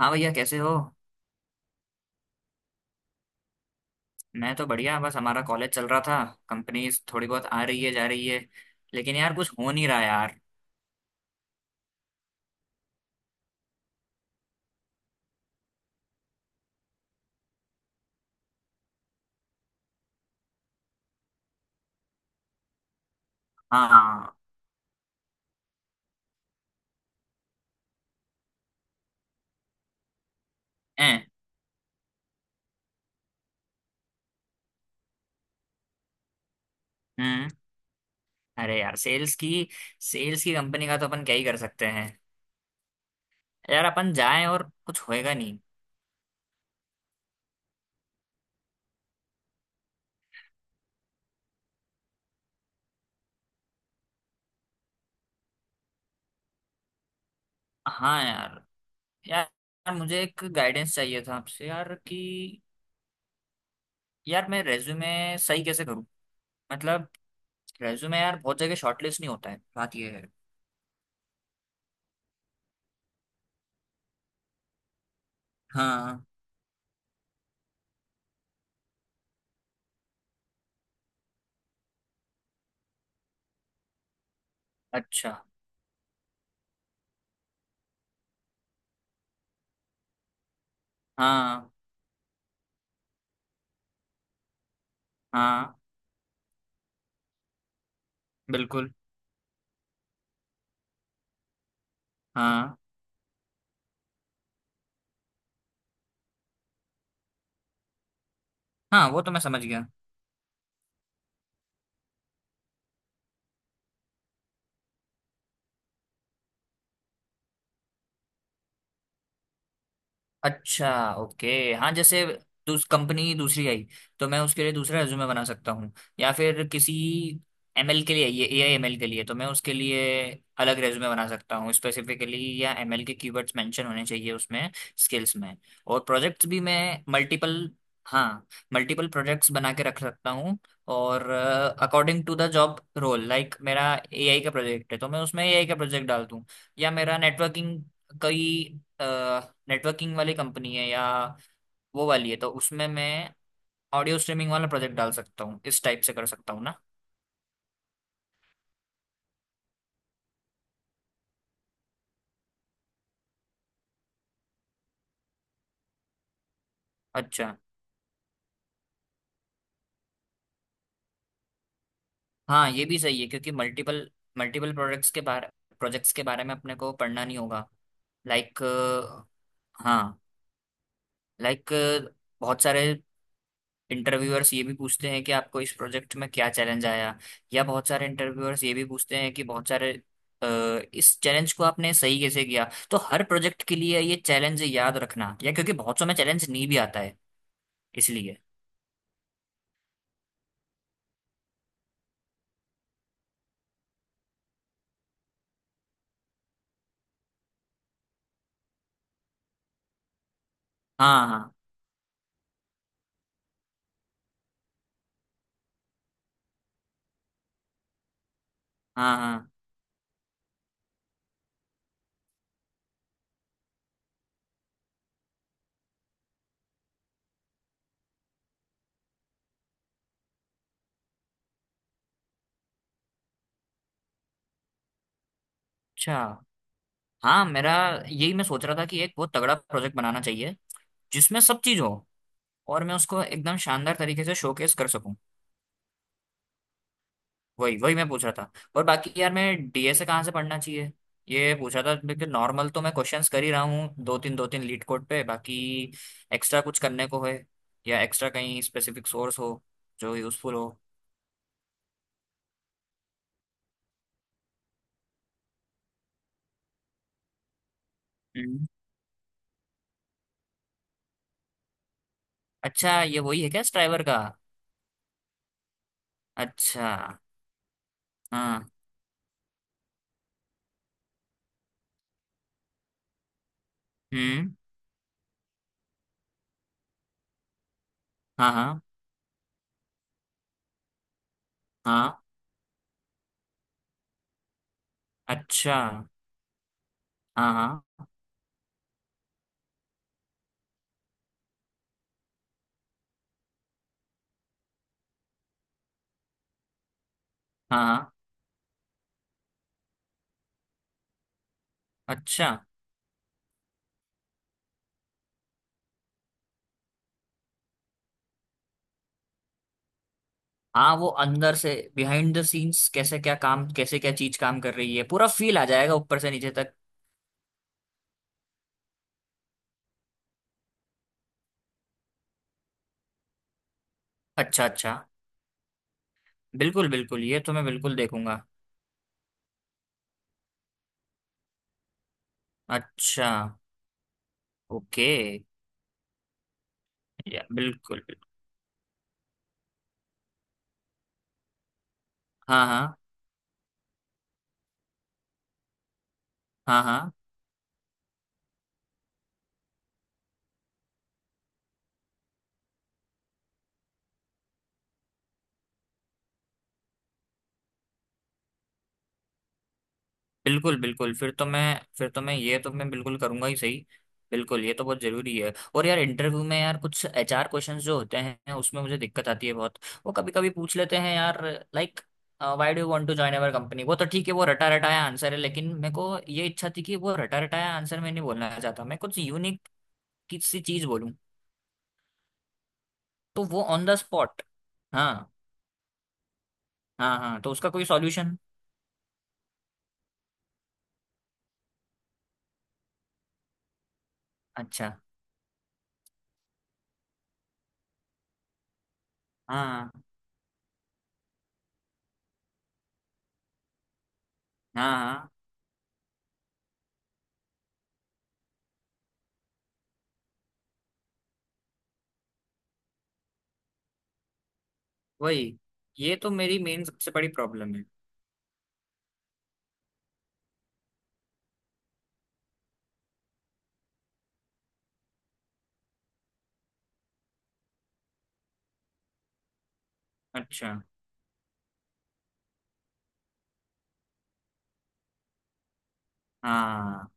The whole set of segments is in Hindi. हाँ भैया, कैसे हो? मैं तो बढ़िया। बस हमारा कॉलेज चल रहा था, कंपनीज थोड़ी बहुत आ रही है, जा रही है। लेकिन यार कुछ हो नहीं रहा यार। हाँ। ए, हम्म। अरे यार सेल्स की कंपनी का तो अपन क्या ही कर सकते हैं। यार अपन जाएं और कुछ होएगा नहीं। हाँ यार यार यार मुझे एक गाइडेंस चाहिए था आपसे यार, कि यार मैं रेज्यूमे सही कैसे करूँ। मतलब रेज्यूमे यार बहुत जगह शॉर्टलिस्ट नहीं होता है, बात ये है। हाँ। अच्छा। हाँ, हाँ। बिल्कुल। हाँ, हाँ, वो तो मैं समझ गया। अच्छा, ओके। हाँ, जैसे दूस कंपनी दूसरी आई तो मैं उसके लिए दूसरा रेज्यूमे बना सकता हूँ। या फिर किसी एमएल के लिए, ये एआई एमएल के लिए, तो मैं उसके लिए अलग रेज्यूमे बना सकता हूँ स्पेसिफिकली। या एमएल के कीवर्ड्स मेंशन होने चाहिए उसमें, स्किल्स में। और प्रोजेक्ट्स भी मैं मल्टीपल। हाँ। मल्टीपल प्रोजेक्ट्स बना के रख सकता हूँ। और according to the job role, like मेरा एआई का प्रोजेक्ट है तो मैं उसमें एआई का प्रोजेक्ट डाल दूँ। या मेरा नेटवर्किंग, कई नेटवर्किंग वाली कंपनी है, या वो वाली है तो उसमें मैं ऑडियो स्ट्रीमिंग वाला प्रोजेक्ट डाल सकता हूँ। इस टाइप से कर सकता हूँ ना? अच्छा। हाँ, ये भी सही है क्योंकि मल्टीपल मल्टीपल प्रोडक्ट्स के बारे प्रोजेक्ट्स के बारे में अपने को पढ़ना नहीं होगा। लाइक। हाँ। लाइक बहुत सारे इंटरव्यूअर्स ये भी पूछते हैं कि आपको इस प्रोजेक्ट में क्या चैलेंज आया। या बहुत सारे इंटरव्यूअर्स ये भी पूछते हैं कि बहुत सारे अ, इस चैलेंज को आपने सही कैसे किया। तो हर प्रोजेक्ट के लिए ये चैलेंज याद रखना, या क्योंकि बहुत समय चैलेंज नहीं भी आता है, इसलिए। हाँ, हाँ, हाँ, हाँ। अच्छा। हाँ मेरा, यही मैं सोच रहा था कि एक बहुत तगड़ा प्रोजेक्ट बनाना चाहिए जिसमें सब चीज हो, और मैं उसको एकदम शानदार तरीके से शोकेस कर सकूं। वही वही मैं पूछ रहा था। और बाकी यार मैं डीएसए कहाँ से पढ़ना चाहिए, ये पूछ रहा था। बिल्कुल नॉर्मल तो मैं क्वेश्चंस कर ही रहा हूँ, दो तीन लीड कोड पे। बाकी एक्स्ट्रा कुछ करने को है, या एक्स्ट्रा कहीं स्पेसिफिक सोर्स हो जो यूजफुल हो? हम्म। अच्छा, ये वही है क्या, स्ट्राइवर का? अच्छा। हाँ। हम्म। हाँ, हाँ, हाँ। अच्छा। हाँ, हाँ, हाँ, हाँ। अच्छा। हाँ, वो अंदर से, बिहाइंड द सीन्स कैसे क्या काम, कैसे क्या चीज काम कर रही है, पूरा फील आ जाएगा ऊपर से नीचे तक। अच्छा, अच्छा। बिल्कुल बिल्कुल, ये तो मैं बिल्कुल देखूंगा। अच्छा, ओके। या, बिल्कुल बिल्कुल। हाँ, हाँ, हाँ, हाँ। बिल्कुल बिल्कुल, फिर तो मैं ये तो मैं बिल्कुल करूंगा ही सही। बिल्कुल, ये तो बहुत जरूरी है। और यार इंटरव्यू में यार कुछ एचआर क्वेश्चंस जो होते हैं उसमें मुझे दिक्कत आती है बहुत। वो कभी कभी पूछ लेते हैं यार, like, why do you want to join our company. वो तो ठीक है, वो रटा रटाया आंसर है, लेकिन मेरे को ये इच्छा थी कि वो रटा रटाया आंसर मैं नहीं बोलना चाहता, मैं कुछ यूनिक किसी चीज बोलूँ। तो वो ऑन द स्पॉट। हाँ, हाँ, हाँ, तो उसका कोई सॉल्यूशन? अच्छा। हाँ, हाँ, हाँ। वही, ये तो मेरी मेन सबसे बड़ी प्रॉब्लम है। अच्छा। हाँ।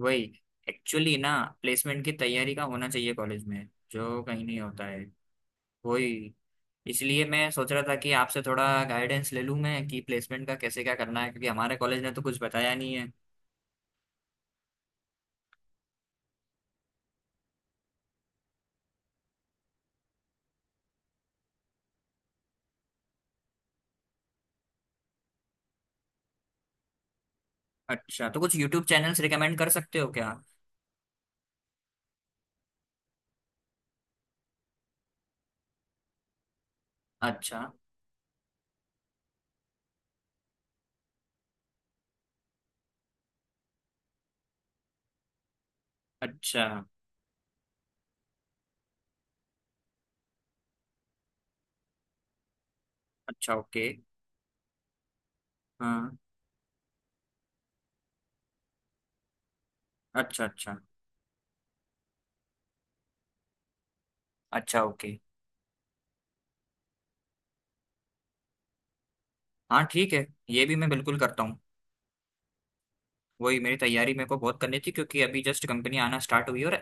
वही। एक्चुअली ना, प्लेसमेंट की तैयारी का होना चाहिए कॉलेज में, जो कहीं नहीं होता है। वही। इसलिए मैं सोच रहा था कि आपसे थोड़ा गाइडेंस ले लूँ मैं, कि प्लेसमेंट का कैसे क्या करना है, क्योंकि हमारे कॉलेज ने तो कुछ बताया नहीं है। अच्छा, तो कुछ यूट्यूब चैनल्स रिकमेंड कर सकते हो क्या? अच्छा, अच्छा। अच्छा, ओके। हाँ। अच्छा, अच्छा। अच्छा, ओके। हाँ, ठीक है, ये भी मैं बिल्कुल करता हूँ। वही, मेरी तैयारी मेरे को बहुत करनी थी, क्योंकि अभी जस्ट कंपनी आना स्टार्ट हुई है, और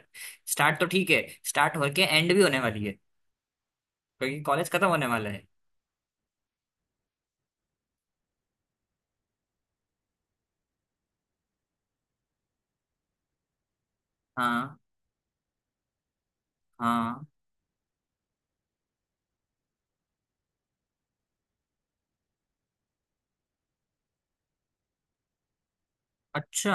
स्टार्ट तो ठीक है, स्टार्ट होके एंड भी होने वाली है, क्योंकि कॉलेज खत्म होने वाला है। हाँ, हाँ। अच्छा।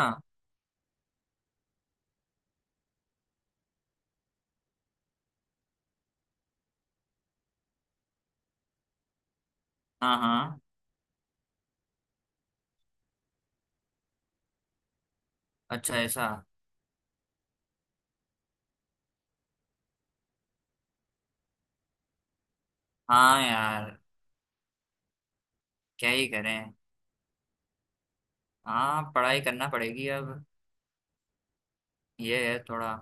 हाँ, हाँ। अच्छा ऐसा? हाँ यार, क्या ही करें। हाँ, पढ़ाई करना पड़ेगी अब। ये है थोड़ा।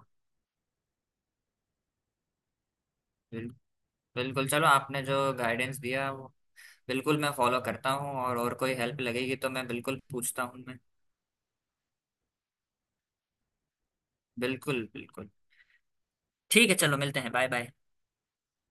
बिल, बिल्कुल, चलो आपने जो गाइडेंस दिया वो बिल्कुल मैं फॉलो करता हूँ, और कोई हेल्प लगेगी तो मैं बिल्कुल पूछता हूँ मैं। बिल्कुल बिल्कुल, ठीक है, चलो मिलते हैं, बाय, बाय।